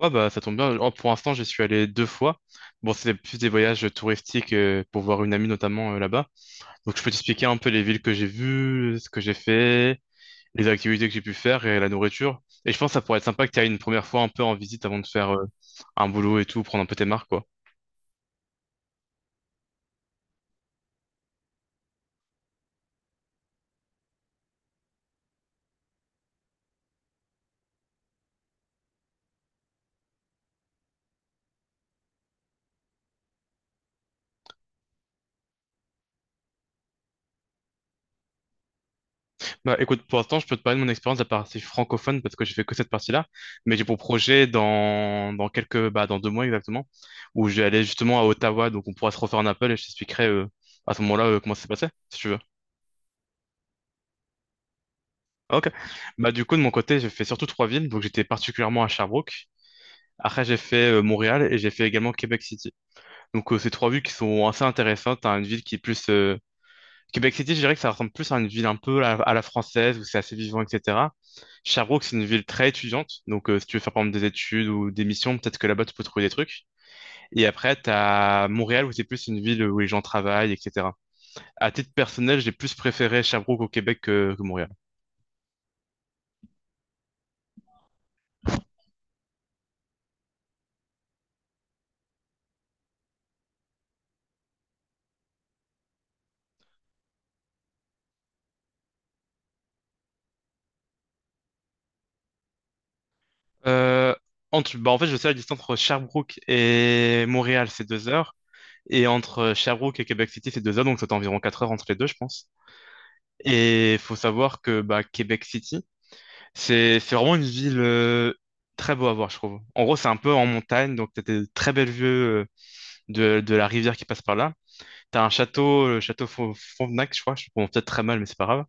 Ouais, bah, ça tombe bien. Oh, pour l'instant, j'y suis allé 2 fois. Bon, c'est plus des voyages touristiques pour voir une amie notamment là-bas. Donc, je peux t'expliquer un peu les villes que j'ai vues, ce que j'ai fait, les activités que j'ai pu faire et la nourriture. Et je pense que ça pourrait être sympa que tu ailles une première fois un peu en visite avant de faire un boulot et tout, prendre un peu tes marques, quoi. Bah, écoute, pour l'instant, je peux te parler de mon expérience de la partie francophone parce que j'ai fait que cette partie-là. Mais j'ai pour projet dans, quelques, bah, dans 2 mois exactement, où je vais aller justement à Ottawa. Donc, on pourra se refaire un appel et je t'expliquerai à ce moment-là comment ça s'est passé, si tu veux. Ok. Bah, du coup, de mon côté, j'ai fait surtout trois villes. Donc, j'étais particulièrement à Sherbrooke. Après, j'ai fait Montréal et j'ai fait également Québec City. Donc, ces trois villes qui sont assez intéressantes. À une ville qui est plus. Québec City, je dirais que ça ressemble plus à une ville un peu à, la française où c'est assez vivant, etc. Sherbrooke, c'est une ville très étudiante. Donc, si tu veux faire par exemple des études ou des missions, peut-être que là-bas, tu peux trouver des trucs. Et après, tu as Montréal où c'est plus une ville où les gens travaillent, etc. À titre personnel, j'ai plus préféré Sherbrooke au Québec que Montréal. Euh, entre, bah en fait, je sais la distance entre Sherbrooke et Montréal, c'est 2 heures. Et entre Sherbrooke et Québec City, c'est 2 heures, donc c'est environ 4 heures entre les deux, je pense. Et il faut savoir que bah, Québec City, c'est vraiment une ville très beau à voir, je trouve. En gros, c'est un peu en montagne, donc t'as des très belles vues de la rivière qui passe par là. T'as un château, le château Frontenac, je crois, je prononce peut-être très mal, mais c'est pas grave,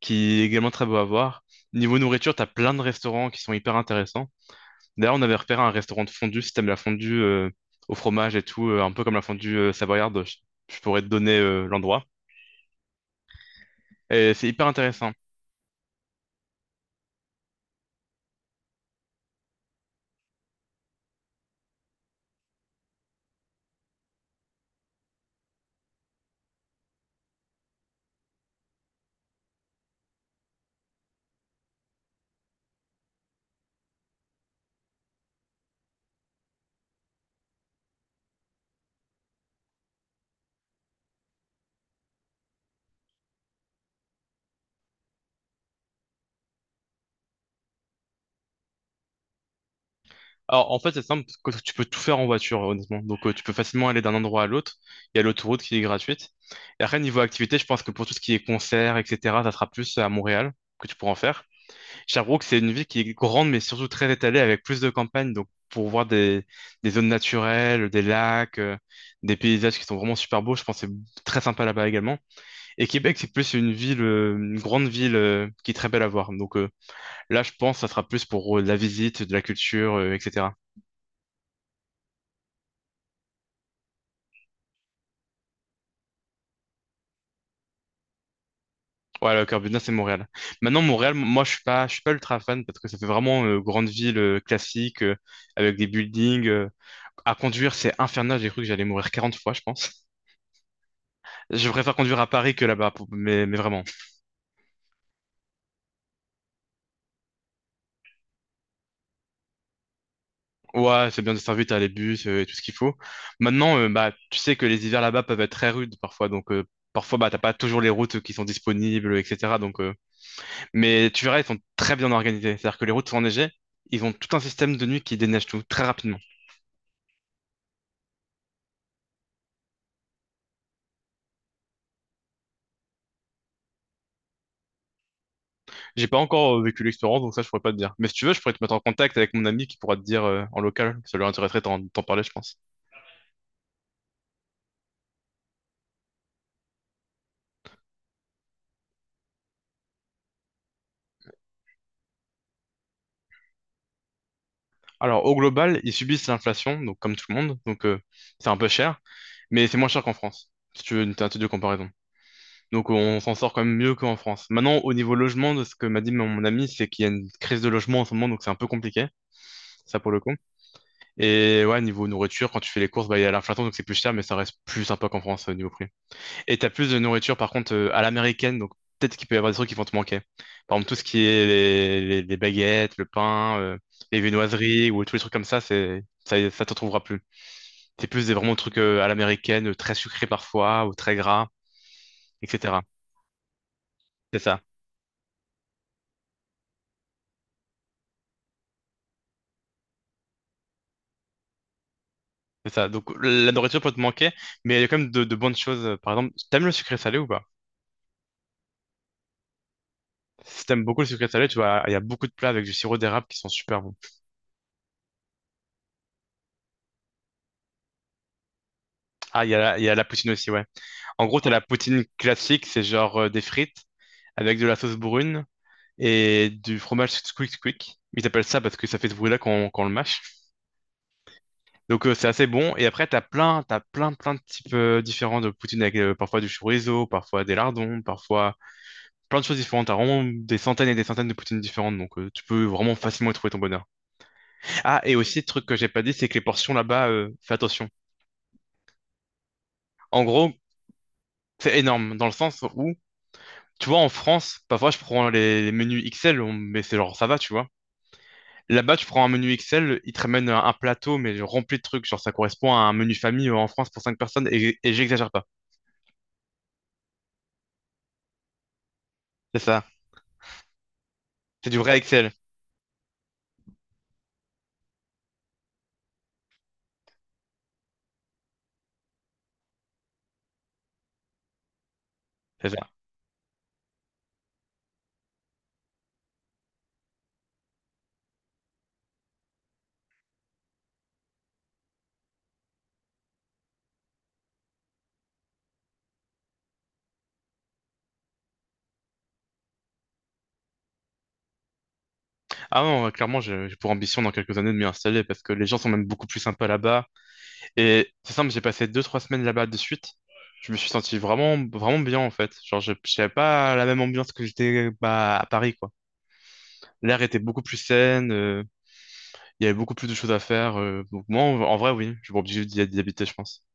qui est également très beau à voir. Niveau nourriture, t'as plein de restaurants qui sont hyper intéressants. D'ailleurs, on avait repéré un restaurant de fondue, si t'aimes la fondue au fromage et tout, un peu comme la fondue savoyarde, je pourrais te donner l'endroit. Et c'est hyper intéressant. Alors, en fait, c'est simple, parce que tu peux tout faire en voiture, honnêtement. Donc, tu peux facilement aller d'un endroit à l'autre. Il y a l'autoroute qui est gratuite. Et après, niveau activité, je pense que pour tout ce qui est concert, etc., ça sera plus à Montréal que tu pourras en faire. Sherbrooke, c'est une ville qui est grande, mais surtout très étalée, avec plus de campagnes, donc pour voir des zones naturelles, des lacs, des paysages qui sont vraiment super beaux, je pense que c'est très sympa là-bas également. Et Québec, c'est plus une ville, une grande ville qui est très belle à voir. Donc là, je pense que ça sera plus pour de la visite, de la culture, etc. Ouais, le cœur du c'est Montréal. Maintenant, Montréal, moi, je suis pas ultra fan parce que ça fait vraiment grande ville classique avec des buildings. À conduire, c'est infernal. J'ai cru que j'allais mourir 40 fois, je pense. Je préfère conduire à Paris que là-bas, mais vraiment. Ouais, c'est bien desservi, t'as les bus et tout ce qu'il faut. Maintenant, bah, tu sais que les hivers là-bas peuvent être très rudes parfois, donc parfois, bah, t'as pas toujours les routes qui sont disponibles, etc. Donc, mais tu verras, ils sont très bien organisés. C'est-à-dire que les routes sont enneigées, ils ont tout un système de nuit qui déneige tout très rapidement. J'ai pas encore vécu l'expérience, donc ça, je pourrais pas te dire. Mais si tu veux, je pourrais te mettre en contact avec mon ami qui pourra te dire en local. Ça lui intéresserait d'en parler, je pense. Alors, au global, ils subissent l'inflation, donc comme tout le monde, donc c'est un peu cher, mais c'est moins cher qu'en France, si tu veux une tentative de comparaison. Donc, on s'en sort quand même mieux qu'en France. Maintenant, au niveau logement, de ce que m'a dit mon ami, c'est qu'il y a une crise de logement en ce moment, donc c'est un peu compliqué, ça pour le coup. Et ouais, niveau nourriture, quand tu fais les courses, bah, il y a l'inflation, donc c'est plus cher, mais ça reste plus sympa qu'en France, niveau prix. Et t'as plus de nourriture, par contre, à l'américaine, donc peut-être qu'il peut y avoir des trucs qui vont te manquer. Par exemple, tout ce qui est les, les baguettes, le pain, les viennoiseries ou tous les trucs comme ça, c'est, ça t'en trouvera plus. C'est plus des vraiment trucs à l'américaine, très sucrés parfois, ou très gras, etc. C'est ça. C'est ça. Donc la nourriture peut te manquer, mais il y a quand même de, bonnes choses. Par exemple, t'aimes le sucré salé ou pas? Si t'aimes beaucoup le sucré salé, tu vois, il y a beaucoup de plats avec du sirop d'érable qui sont super bons. Ah, il y a, il y a la poutine aussi, ouais. En gros, t'as la poutine classique, c'est genre des frites avec de la sauce brune et du fromage squeak squeak. Ils appellent ça parce que ça fait ce bruit-là quand, quand on le mâche. Donc c'est assez bon. Et après, t'as plein, plein de types différents de poutine avec parfois du chorizo, parfois des lardons, parfois plein de choses différentes. T'as vraiment des centaines et des centaines de poutines différentes. Donc tu peux vraiment facilement y trouver ton bonheur. Ah, et aussi, truc que j'ai pas dit, c'est que les portions là-bas, fais attention. En gros, c'est énorme dans le sens où, tu vois, en France, parfois je prends les, menus XL, mais c'est genre ça va, tu vois. Là-bas, tu prends un menu Excel, il te ramène un plateau, mais rempli de trucs. Genre, ça correspond à un menu famille en France pour 5 personnes, et, j'exagère pas. C'est ça. C'est du vrai Excel. C'est ça. Ah non, clairement, j'ai pour ambition dans quelques années de m'y installer parce que les gens sont même beaucoup plus sympas là-bas. Et c'est simple, j'ai passé 2 ou 3 semaines là-bas de suite. Je me suis senti vraiment, vraiment bien en fait. Genre, je n'avais pas la même ambiance que j'étais bah, à Paris, quoi. L'air était beaucoup plus sain, il y avait beaucoup plus de choses à faire. Donc, moi, en, vrai, oui, je suis pas obligé d'y habiter, je pense.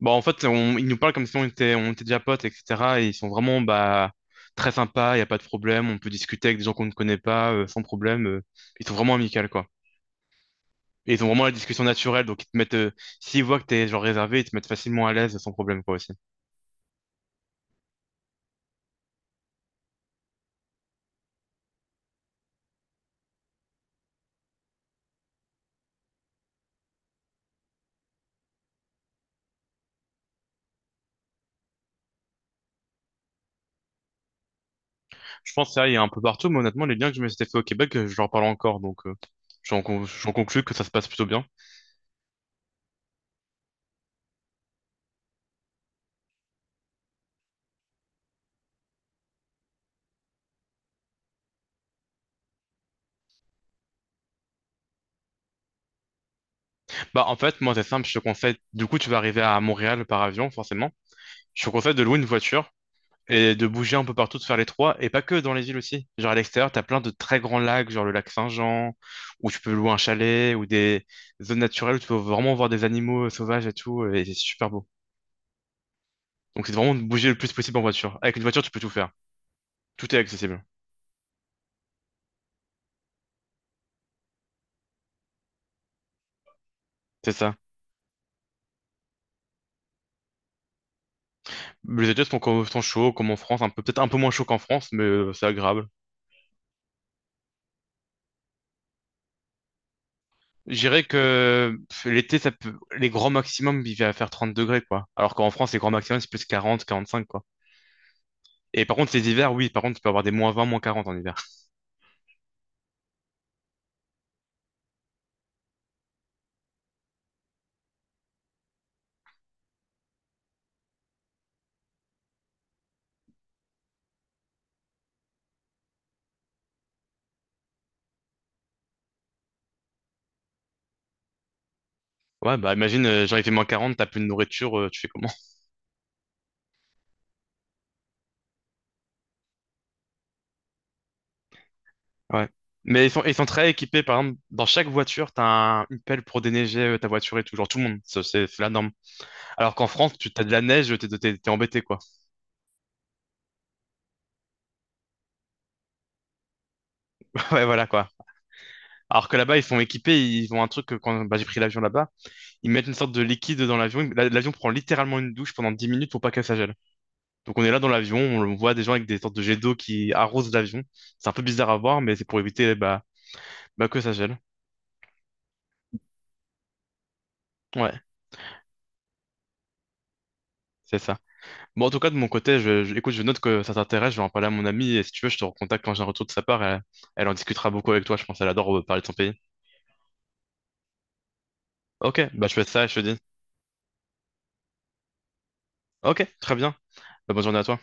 Bon, en fait, ils nous parlent comme si on était, déjà potes, etc. Et ils sont vraiment bah, très sympas, il n'y a pas de problème, on peut discuter avec des gens qu'on ne connaît pas sans problème. Ils sont vraiment amicaux, quoi. Et ils ont vraiment la discussion naturelle, donc ils te mettent, s'ils voient que t'es genre réservé, ils te mettent facilement à l'aise sans problème, quoi, aussi. Je pense que ça, il y a un peu partout, mais honnêtement, les liens que je me suis fait au Québec, je leur parle encore, donc j'en conclus que ça se passe plutôt bien. Bah, en fait, moi, c'est simple, je te conseille. Du coup, tu vas arriver à Montréal par avion, forcément. Je te conseille de louer une voiture et de bouger un peu partout, de faire les trois, et pas que dans les îles aussi. Genre, à l'extérieur, t'as plein de très grands lacs, genre le lac Saint-Jean, où tu peux louer un chalet, ou des zones naturelles où tu peux vraiment voir des animaux sauvages et tout, et c'est super beau. Donc, c'est vraiment de bouger le plus possible en voiture. Avec une voiture, tu peux tout faire. Tout est accessible. C'est ça. Les études sont chauds, comme en France, un peu, peut-être un peu moins chaud qu'en France, mais c'est agréable. Je dirais que pff, l'été, ça peut... les grands maximums, il va faire 30 degrés, quoi. Alors qu'en France, les grands maximums, c'est plus 40 45 quoi. Et par contre, les hivers, oui, par contre, tu peux avoir des -20 -40 en hiver. Ouais, bah imagine, genre, il fait -40 t'as plus de nourriture, tu fais comment? Ouais. Mais ils sont, très équipés, par exemple, dans chaque voiture, t'as un, une pelle pour déneiger ta voiture et tout, genre tout le monde, ça, c'est la norme. Alors qu'en France, tu t'as de la neige, t'es embêté, quoi. Ouais, voilà, quoi. Alors que là-bas, ils sont équipés, ils ont un truc que quand bah, j'ai pris l'avion là-bas, ils mettent une sorte de liquide dans l'avion. L'avion prend littéralement une douche pendant 10 minutes pour pas qu'elle s'agèle. Donc on est là dans l'avion, on le voit des gens avec des sortes de jets d'eau qui arrosent l'avion. C'est un peu bizarre à voir, mais c'est pour éviter bah, que ça gèle. Ouais, c'est ça. Bon, en tout cas, de mon côté, écoute, je note que ça t'intéresse, je vais en parler à mon amie, et si tu veux, je te recontacte quand j'ai un retour de sa part, elle, elle en discutera beaucoup avec toi, je pense, elle adore parler de son pays. Ok, bah je fais ça, et je te dis. Ok, très bien. Bah, bonne journée à toi.